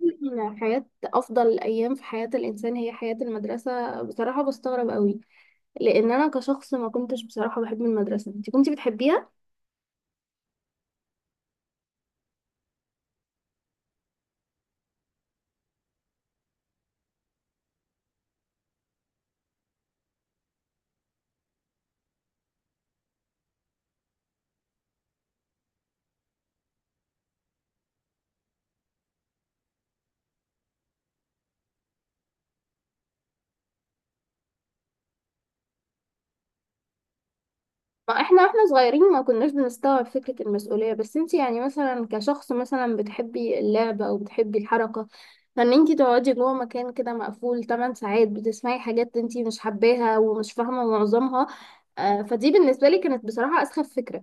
يقول إن حياة أفضل الأيام في حياة الإنسان هي حياة المدرسة، بصراحة بستغرب قوي، لأن أنا كشخص ما كنتش بصراحة بحب المدرسة. أنت كنتي بتحبيها؟ ما إحنا وإحنا صغيرين ما كناش بنستوعب فكرة المسؤولية، بس أنت يعني مثلا كشخص مثلا بتحبي اللعب أو بتحبي الحركة، فإن أنت تقعدي جوه مكان كده مقفول 8 ساعات بتسمعي حاجات أنت مش حباها ومش فاهمة معظمها، فدي بالنسبة لي كانت بصراحة أسخف فكرة.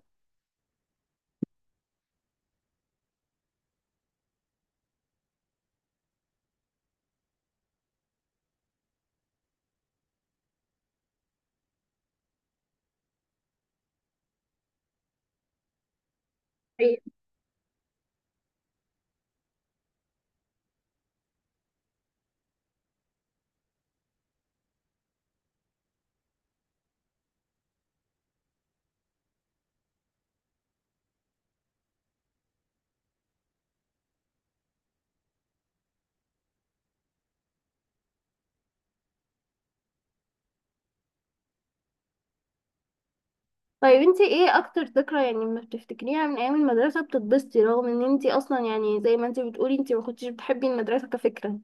طيب انتي ايه اكتر ذكرى يعني ما بتفتكريها من ايام المدرسة بتتبسطي، رغم ان انتي اصلا يعني زي ما انتي بتقولي انتي ما كنتيش بتحبي المدرسة كفكرة؟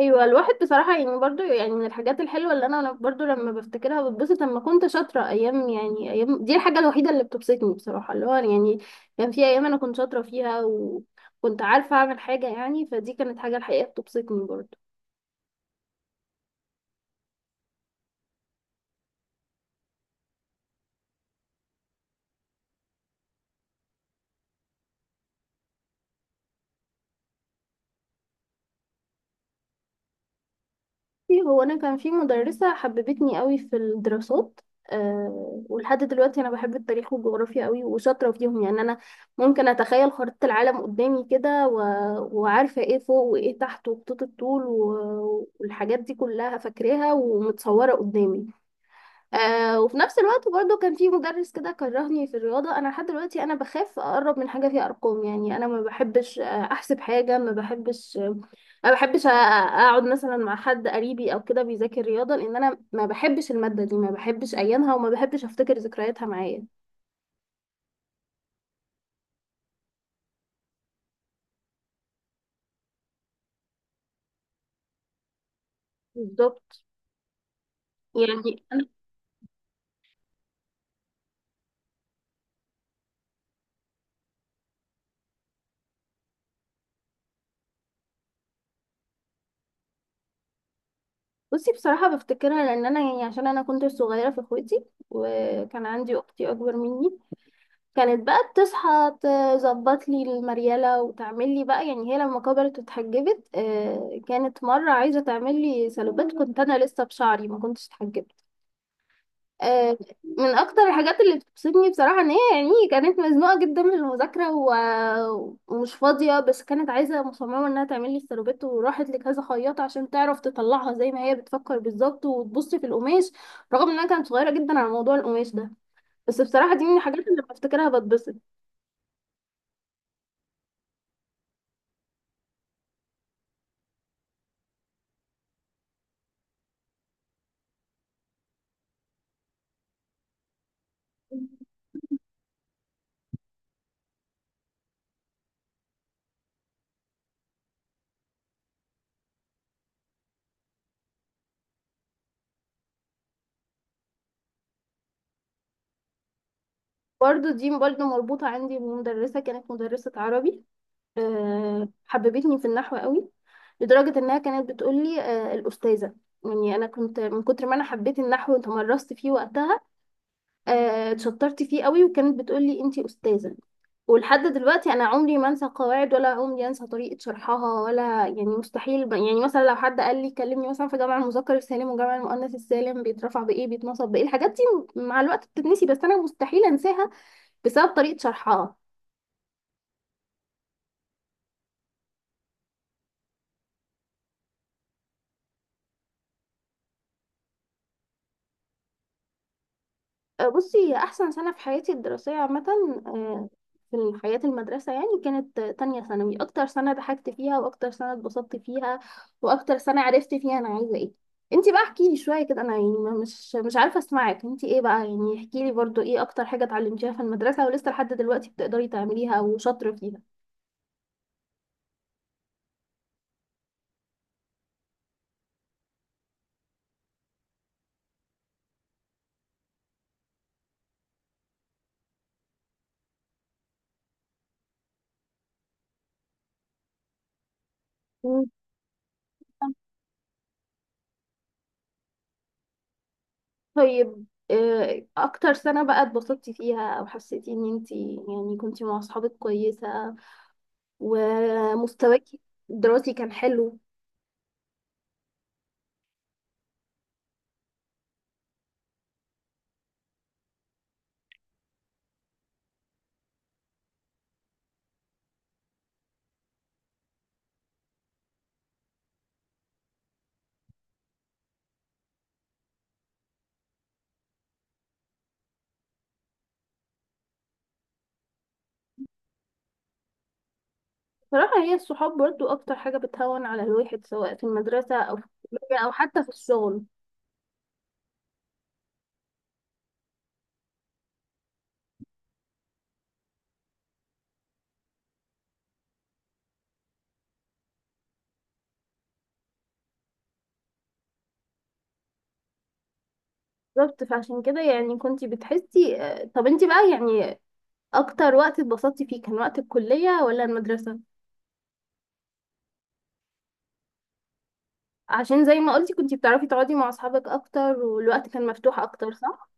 ايوه، الواحد بصراحة يعني برضو يعني من الحاجات الحلوة اللي انا برضو لما بفتكرها بتبسط، لما كنت شاطرة ايام، يعني ايام دي الحاجة الوحيدة اللي بتبسطني بصراحة، اللي هو يعني كان في ايام انا كنت شاطرة فيها وكنت عارفة اعمل حاجة، يعني فدي كانت حاجة الحقيقة بتبسطني برضو. بصي، هو انا كان في مدرسه حببتني قوي في الدراسات. ولحد دلوقتي انا بحب التاريخ والجغرافيا قوي وشاطره فيهم، يعني انا ممكن اتخيل خريطه العالم قدامي كده، و... وعارفه ايه فوق وايه تحت وخطوط الطول والحاجات دي كلها فاكراها ومتصوره قدامي. وفي نفس الوقت برضو كان في مدرس كده كرهني في الرياضة، أنا لحد دلوقتي أنا بخاف أقرب من حاجة فيها أرقام، يعني أنا ما بحبش أحسب حاجة، ما بحبش أقعد مثلا مع حد قريبي أو كده بيذاكر رياضة، لأن أنا ما بحبش المادة دي، ما بحبش أيامها وما بحبش أفتكر ذكرياتها معايا. بالظبط، يعني أنا، بصي، بصراحة بفتكرها لأن أنا يعني عشان أنا كنت صغيرة في إخوتي، وكان عندي أختي أكبر مني كانت بقى بتصحى تظبط لي المريالة وتعمل لي بقى، يعني هي لما كبرت واتحجبت، كانت مرة عايزة تعمل لي سلوبات، كنت أنا لسه بشعري ما كنتش اتحجبت. آه، من أكتر الحاجات اللي بتبسطني بصراحة إن هي يعني كانت مزنوقة جدا من المذاكرة ومش فاضية، بس كانت عايزة مصممة إنها تعمل لي السلوبات وراحت لكذا خياطة عشان تعرف تطلعها زي ما هي بتفكر بالظبط وتبص في القماش، رغم إنها كانت صغيرة جدا على موضوع القماش ده، بس بصراحة دي من الحاجات اللي بفتكرها بتبسط. برضه دي برضه مربوطة عندي بمدرسة، كانت مدرسة عربي، حببتني في النحو قوي، لدرجة إنها كانت بتقولي الأستاذة. يعني أنا كنت من كتر ما أنا حبيت النحو وتمرست فيه وقتها، اتشطرت فيه قوي، وكانت بتقولي أنتي أستاذة. ولحد دلوقتي أنا عمري ما أنسى قواعد، ولا عمري أنسى طريقة شرحها، ولا يعني مستحيل، يعني مثلا لو حد قال لي كلمني مثلا في جمع المذكر السالم وجمع المؤنث السالم بيترفع بإيه بيتنصب بإيه، الحاجات دي مع الوقت بتتنسي، بس أنا مستحيل أنساها بسبب طريقة شرحها. بصي هي أحسن سنة في حياتي الدراسية عامة، آه، في حياة المدرسة، يعني كانت تانية ثانوي أكتر سنة ضحكت فيها، وأكتر سنة اتبسطت فيها، وأكتر سنة عرفت فيها أنا عايزة إيه. انتي بقى احكيلي شوية كده، أنا يعني مش عارفة أسمعك انتي إيه بقى، يعني احكيلي برضو إيه أكتر حاجة اتعلمتيها في المدرسة ولسه لحد دلوقتي بتقدري تعمليها أو شاطرة فيها؟ مم. طيب أكتر سنة بقى اتبسطتي فيها، أو حسيتي إن انتي يعني كنتي مع أصحابك كويسة ومستواكي الدراسي كان حلو؟ صراحة هي الصحاب برضو أكتر حاجة بتهون على الواحد سواء في المدرسة أو في الكلية أو حتى في الشغل. بالظبط، فعشان كده يعني كنتي بتحسي. طب انتي بقى، يعني أكتر وقت اتبسطتي فيه كان وقت الكلية ولا المدرسة؟ عشان زي ما قلتي كنتي بتعرفي تقعدي مع أصحابك أكتر، والوقت كان مفتوح أكتر، صح؟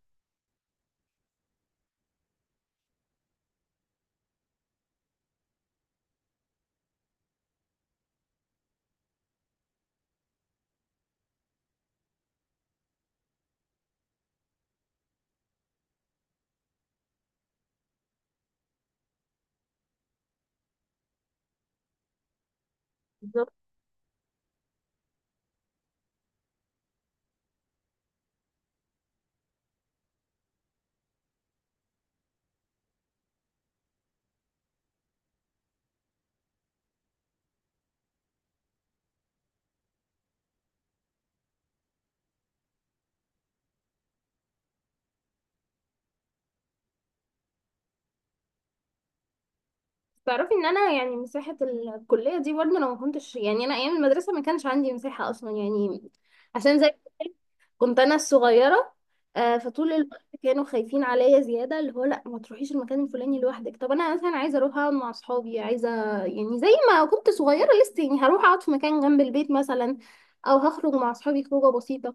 بالظبط. تعرفي ان انا يعني مساحة الكلية دي برضه، لو ما كنتش يعني، انا ايام المدرسة ما كانش عندي مساحة اصلا، يعني عشان زي ما قلت لك كنت انا الصغيرة، فطول الوقت كانوا خايفين عليا زيادة، اللي هو لا ما تروحيش المكان الفلاني لوحدك، طب انا مثلا عايزة اروح اقعد مع اصحابي، عايزة يعني زي ما كنت صغيرة لسه، يعني هروح اقعد في مكان جنب البيت مثلا او هخرج مع اصحابي خروجة بسيطة،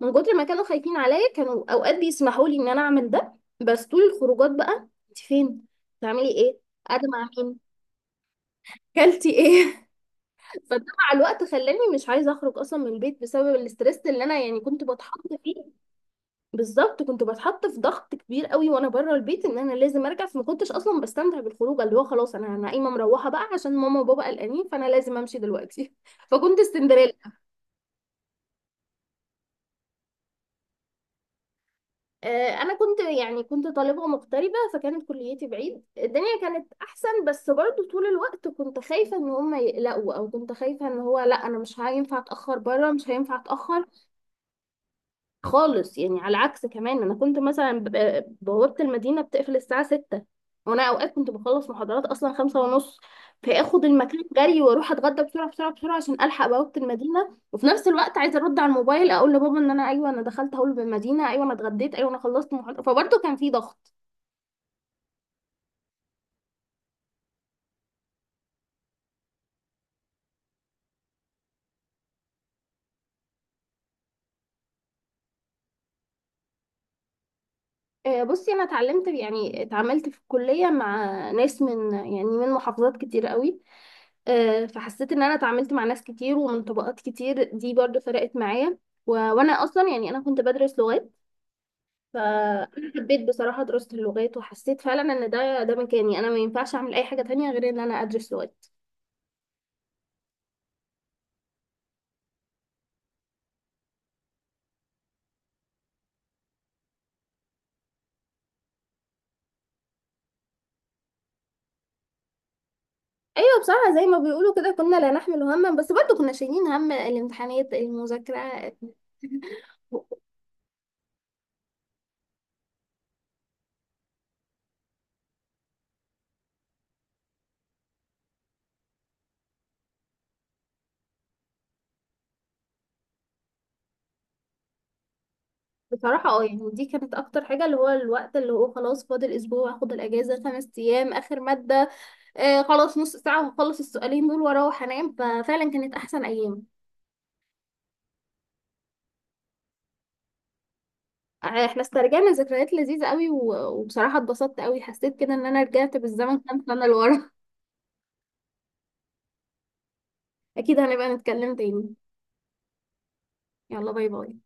من كتر ما كانوا خايفين عليا كانوا اوقات بيسمحوا لي ان انا اعمل ده، بس طول الخروجات بقى انت فين، بتعملي ايه، قاعدة مع مين، كلتي ايه؟ فده مع الوقت خلاني مش عايزه اخرج اصلا من البيت، بسبب الاسترس اللي انا يعني كنت بتحط فيه. بالظبط كنت بتحط في ضغط كبير قوي وانا بره البيت، ان انا لازم ارجع، فما كنتش اصلا بستمتع بالخروج، اللي هو خلاص انا قايمه مروحه بقى عشان ماما وبابا قلقانين فانا لازم امشي دلوقتي. فكنت سندريلا. انا كنت يعني كنت طالبه مغتربه، فكانت كليتي بعيد، الدنيا كانت احسن، بس برضو طول الوقت كنت خايفه ان هم يقلقوا، او كنت خايفه ان هو لا انا مش هينفع اتاخر بره، مش هينفع اتاخر خالص. يعني على عكس، كمان انا كنت مثلا بوابة المدينة بتقفل الساعة 6، وانا اوقات كنت بخلص محاضرات اصلا 5:30، فاخد المكان جري واروح اتغدى بسرعة بسرعة بسرعة عشان الحق بوابة المدينة، وفي نفس الوقت عايزة ارد على الموبايل اقول لبابا ان انا ايوه انا دخلت هول بالمدينة، ايوه انا اتغديت، ايوه انا خلصت محاضرة، فبرضه كان في ضغط. بصي انا اتعلمت يعني اتعاملت في الكلية مع ناس من، يعني من محافظات كتير قوي، فحسيت ان انا اتعاملت مع ناس كتير ومن طبقات كتير، دي برضو فرقت معايا، وانا اصلا يعني انا كنت بدرس لغات، فانا حبيت بصراحة دراسة اللغات، وحسيت فعلا ان ده مكاني، انا ما ينفعش اعمل اي حاجة تانية غير ان انا ادرس لغات. ايوه بصراحة زي ما بيقولوا كده كنا لا نحمل هما، بس برضو كنا شايلين هم الامتحانات المذاكرة. بصراحة يعني دي كانت أكتر حاجة، اللي هو الوقت اللي هو خلاص فاضل أسبوع، أخد الأجازة 5 أيام، آخر مادة، خلاص نص ساعة وهخلص السؤالين دول واروح انام، ففعلا كانت احسن ايام. احنا استرجعنا ذكريات لذيذة قوي، وبصراحة اتبسطت قوي، حسيت كده ان انا رجعت بالزمن كام سنة لورا. اكيد هنبقى نتكلم تاني. يلا باي باي.